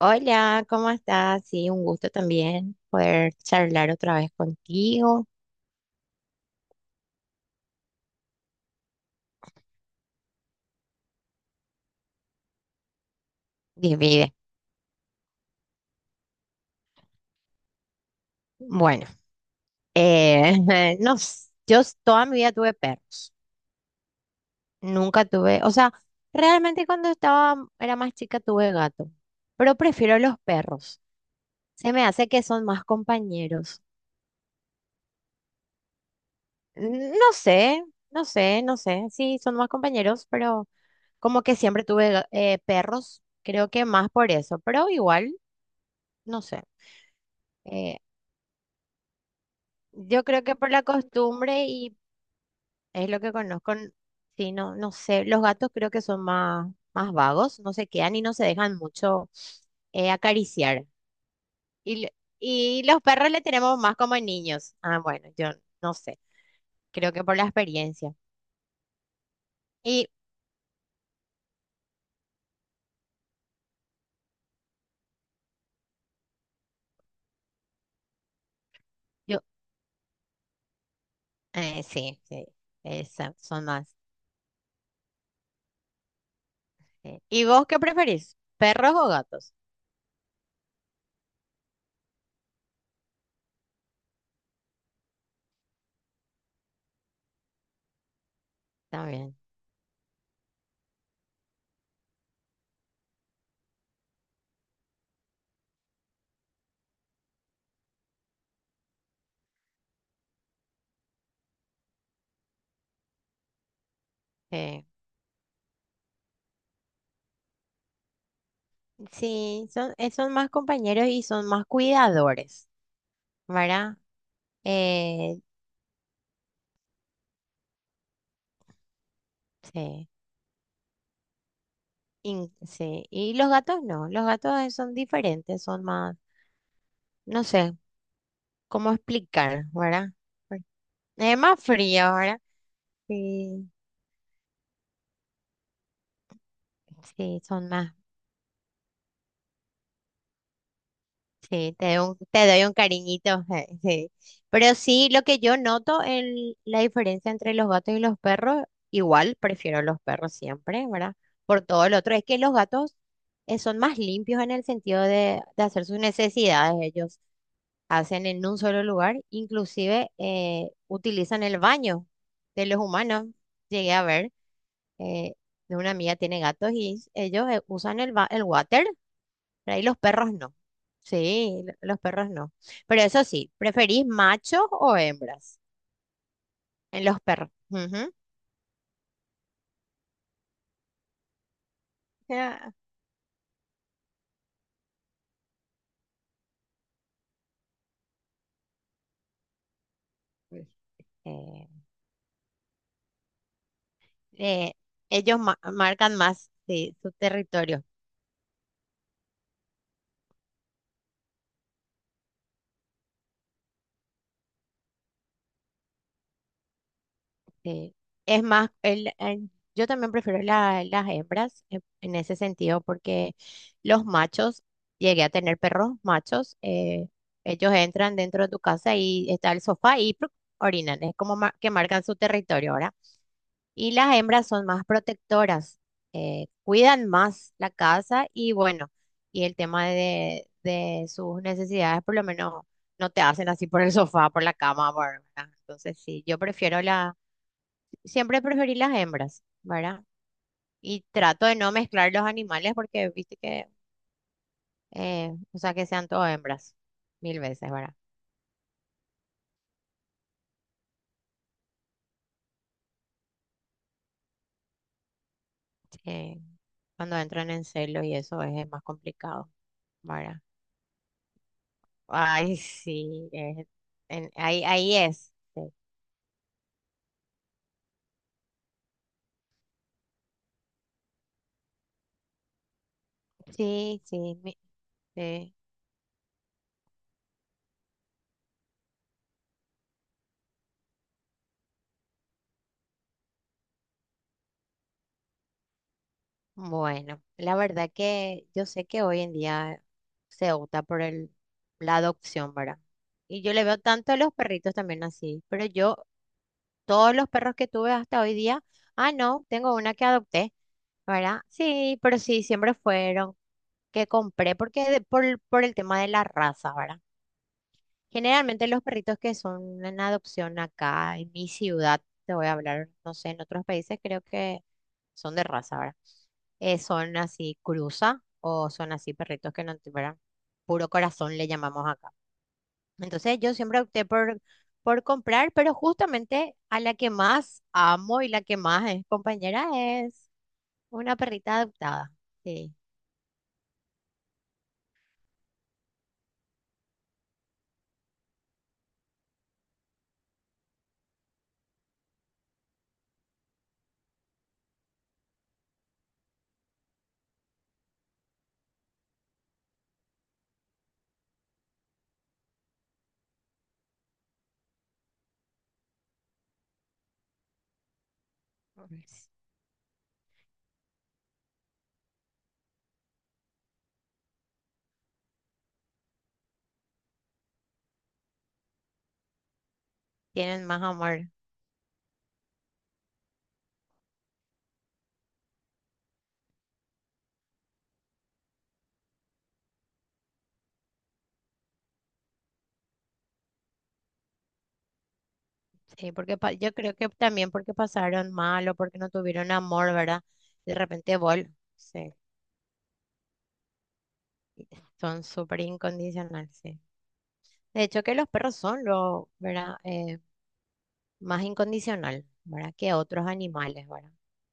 Hola, ¿cómo estás? Sí, un gusto también poder charlar otra vez contigo. Divide. Bueno, no, toda mi vida tuve perros. Nunca tuve, o sea, realmente cuando estaba, era más chica tuve gato, pero prefiero los perros. Se me hace que son más compañeros. No sé, no sé. Sí, son más compañeros, pero como que siempre tuve perros, creo que más por eso, pero igual, no sé. eh, Yo creo que por la costumbre y es lo que conozco, sí, no, no sé, los gatos creo que son más vagos, no se quedan y no se dejan mucho acariciar. Y, lo- y los perros le tenemos más como niños. Ah, bueno, yo no sé, creo que por la experiencia. Y yo, sí, son más. ¿Y vos qué preferís? ¿Perros o gatos? También. eh, Sí, son, son más compañeros y son más cuidadores, ¿verdad? Eh, Sí, sí. Y los gatos no, los gatos son diferentes, son más, no sé cómo explicar, ¿verdad? Por- Es más frío, ¿verdad? Sí, sí, son más, sí, te doy te doy un cariñito, sí. Pero sí, lo que yo noto, la diferencia entre los gatos y los perros, igual prefiero los perros siempre, ¿verdad? Por todo lo otro, es que los gatos son más limpios en el sentido de hacer sus necesidades ellos hacen en un solo lugar, inclusive utilizan el baño de los humanos. Llegué a ver, eh, de una amiga tiene gatos y ellos usan el, el water, pero ahí los perros no. Sí, los perros no. Pero eso sí, ¿preferís machos o hembras en los perros? Ujú. Ya. Pues, Eh, eh, Ellos marcan más sí, su territorio. Sí. Es más, yo también prefiero las hembras en ese sentido porque los machos, llegué a tener perros machos, ellos entran dentro de tu casa y está el sofá y ¡pruc! Orinan, es como que marcan su territorio ahora. Y las hembras son más protectoras, cuidan más la casa y bueno, y el tema de sus necesidades por lo menos no te hacen así por el sofá, por la cama, ¿verdad? Entonces sí, yo prefiero siempre. Preferí las hembras, ¿verdad? Y trato de no mezclar los animales porque viste que, o sea, que sean todo hembras, mil veces, ¿verdad? Eh, cuando entran en celo y eso es, más complicado, ¿verdad? Ay, sí, ahí, ahí es. Sí, sí, sí, sí. Bueno, la verdad que yo sé que hoy en día se opta por la adopción, ¿verdad? Y yo le veo tanto a los perritos también así, pero yo, todos los perros que tuve hasta hoy día, ah, no, tengo una que adopté, ¿verdad? Sí, pero sí, siempre fueron que compré, porque por el tema de la raza, ¿verdad? Generalmente los perritos que son en adopción acá, en mi ciudad, te voy a hablar, no sé, en otros países creo que son de raza, ¿verdad? Son así cruza o son así perritos que no, ¿verdad? Puro corazón le llamamos acá. Entonces yo siempre opté por comprar, pero justamente a la que más amo y la que más es compañera es una perrita adoptada. Sí, es- tienen más amor. Sí, porque yo creo que también porque pasaron mal o porque no tuvieron amor, ¿verdad? De repente vol, sí, son súper incondicionales, sí. De hecho que los perros son lo, ¿verdad? Más incondicional, ¿verdad? Que otros animales, ¿verdad?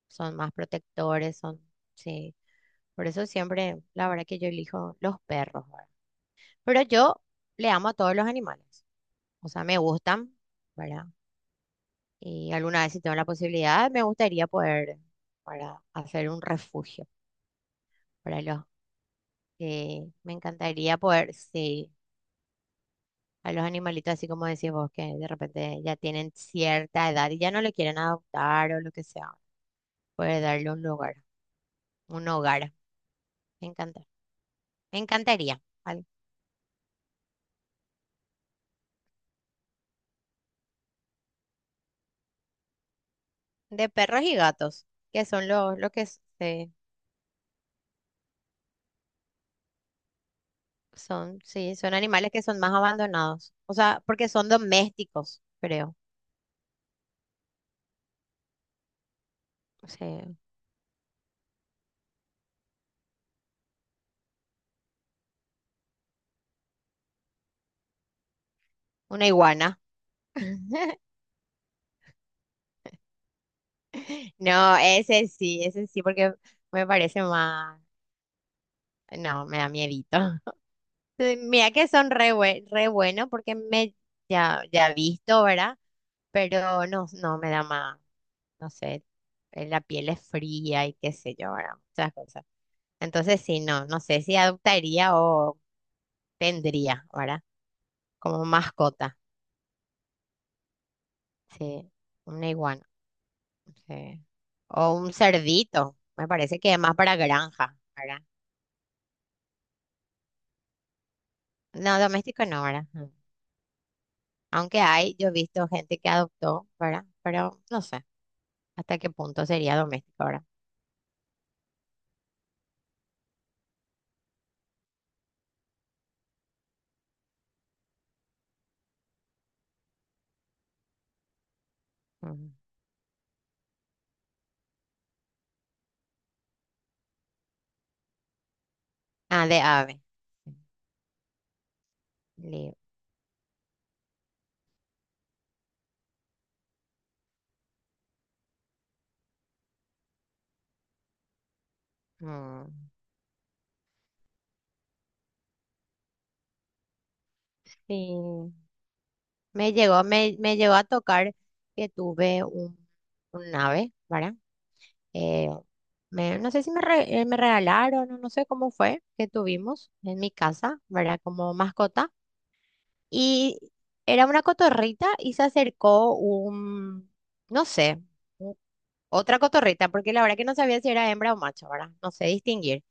Son más protectores, son, sí. Por eso siempre, la verdad que yo elijo los perros, ¿verdad? Pero yo le amo a todos los animales, o sea, me gustan, ¿verdad? Y alguna vez si tengo la posibilidad, me gustaría poder, para hacer un refugio para los, me encantaría poder, sí, a los animalitos, así como decís vos, que de repente ya tienen cierta edad y ya no le quieren adoptar o lo que sea, poder darle un lugar. Un hogar. Me encanta. Me encantaría. De perros y gatos, que son los, son, sí, son animales que son más abandonados. O sea, porque son domésticos, creo. Sí. Una iguana. No, ese sí, porque me parece más. No, me da miedito. Sí, mira que son re, re bueno porque me ya, ya he visto, ¿verdad? Pero no, no me da más, no sé, la piel es fría y qué sé yo, ¿verdad? Muchas cosas. Entonces, sí, no, no sé si adoptaría o tendría, ¿verdad? Como mascota, sí, una iguana, sí. O un cerdito, me parece que es más para granja, ¿verdad? No, doméstico no, ¿verdad? Mm. Aunque hay, yo he visto gente que adoptó, ¿verdad? Pero no sé hasta qué punto sería doméstico, ¿verdad? Mm. Ah, de ave. Li- mm. Sí, me llegó a tocar que tuve un ave, ¿verdad? Eh, Me, no sé si me, me regalaron o no sé cómo fue que tuvimos en mi casa, ¿verdad? Como mascota. Y era una cotorrita y se acercó un, no sé, u- otra cotorrita, porque la verdad que no sabía si era hembra o macho, ¿verdad? No sé distinguir.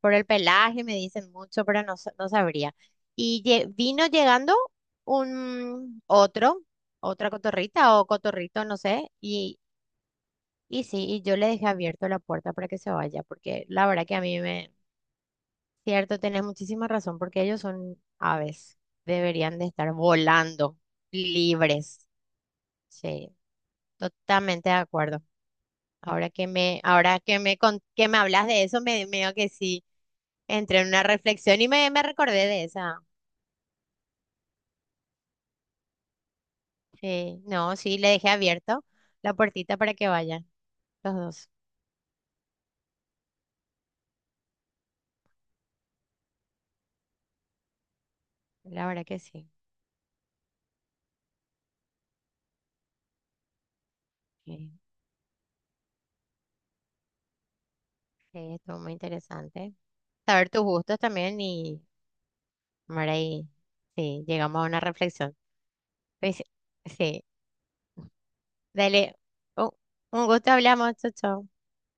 Por el pelaje me dicen mucho, pero no, no sabría. Y vino llegando un otro, otra cotorrita o cotorrito, no sé, y sí, y yo le dejé abierto la puerta para que se vaya, porque la verdad que a mí me... Cierto, tenés muchísima razón, porque ellos son aves, deberían de estar volando, libres. Sí, totalmente de acuerdo. Ahora que me, con- Que me hablas de eso, me medio que sí, entré en una reflexión me recordé de esa. Sí, no, sí, le dejé abierto la puertita para que vayan los dos. La verdad que sí. Sí, sí, estuvo muy interesante. Saber tus gustos también y... Ahora ahí, sí, llegamos a una reflexión. Pues, sí, dale, un, un gusto hablamos, chao, chao.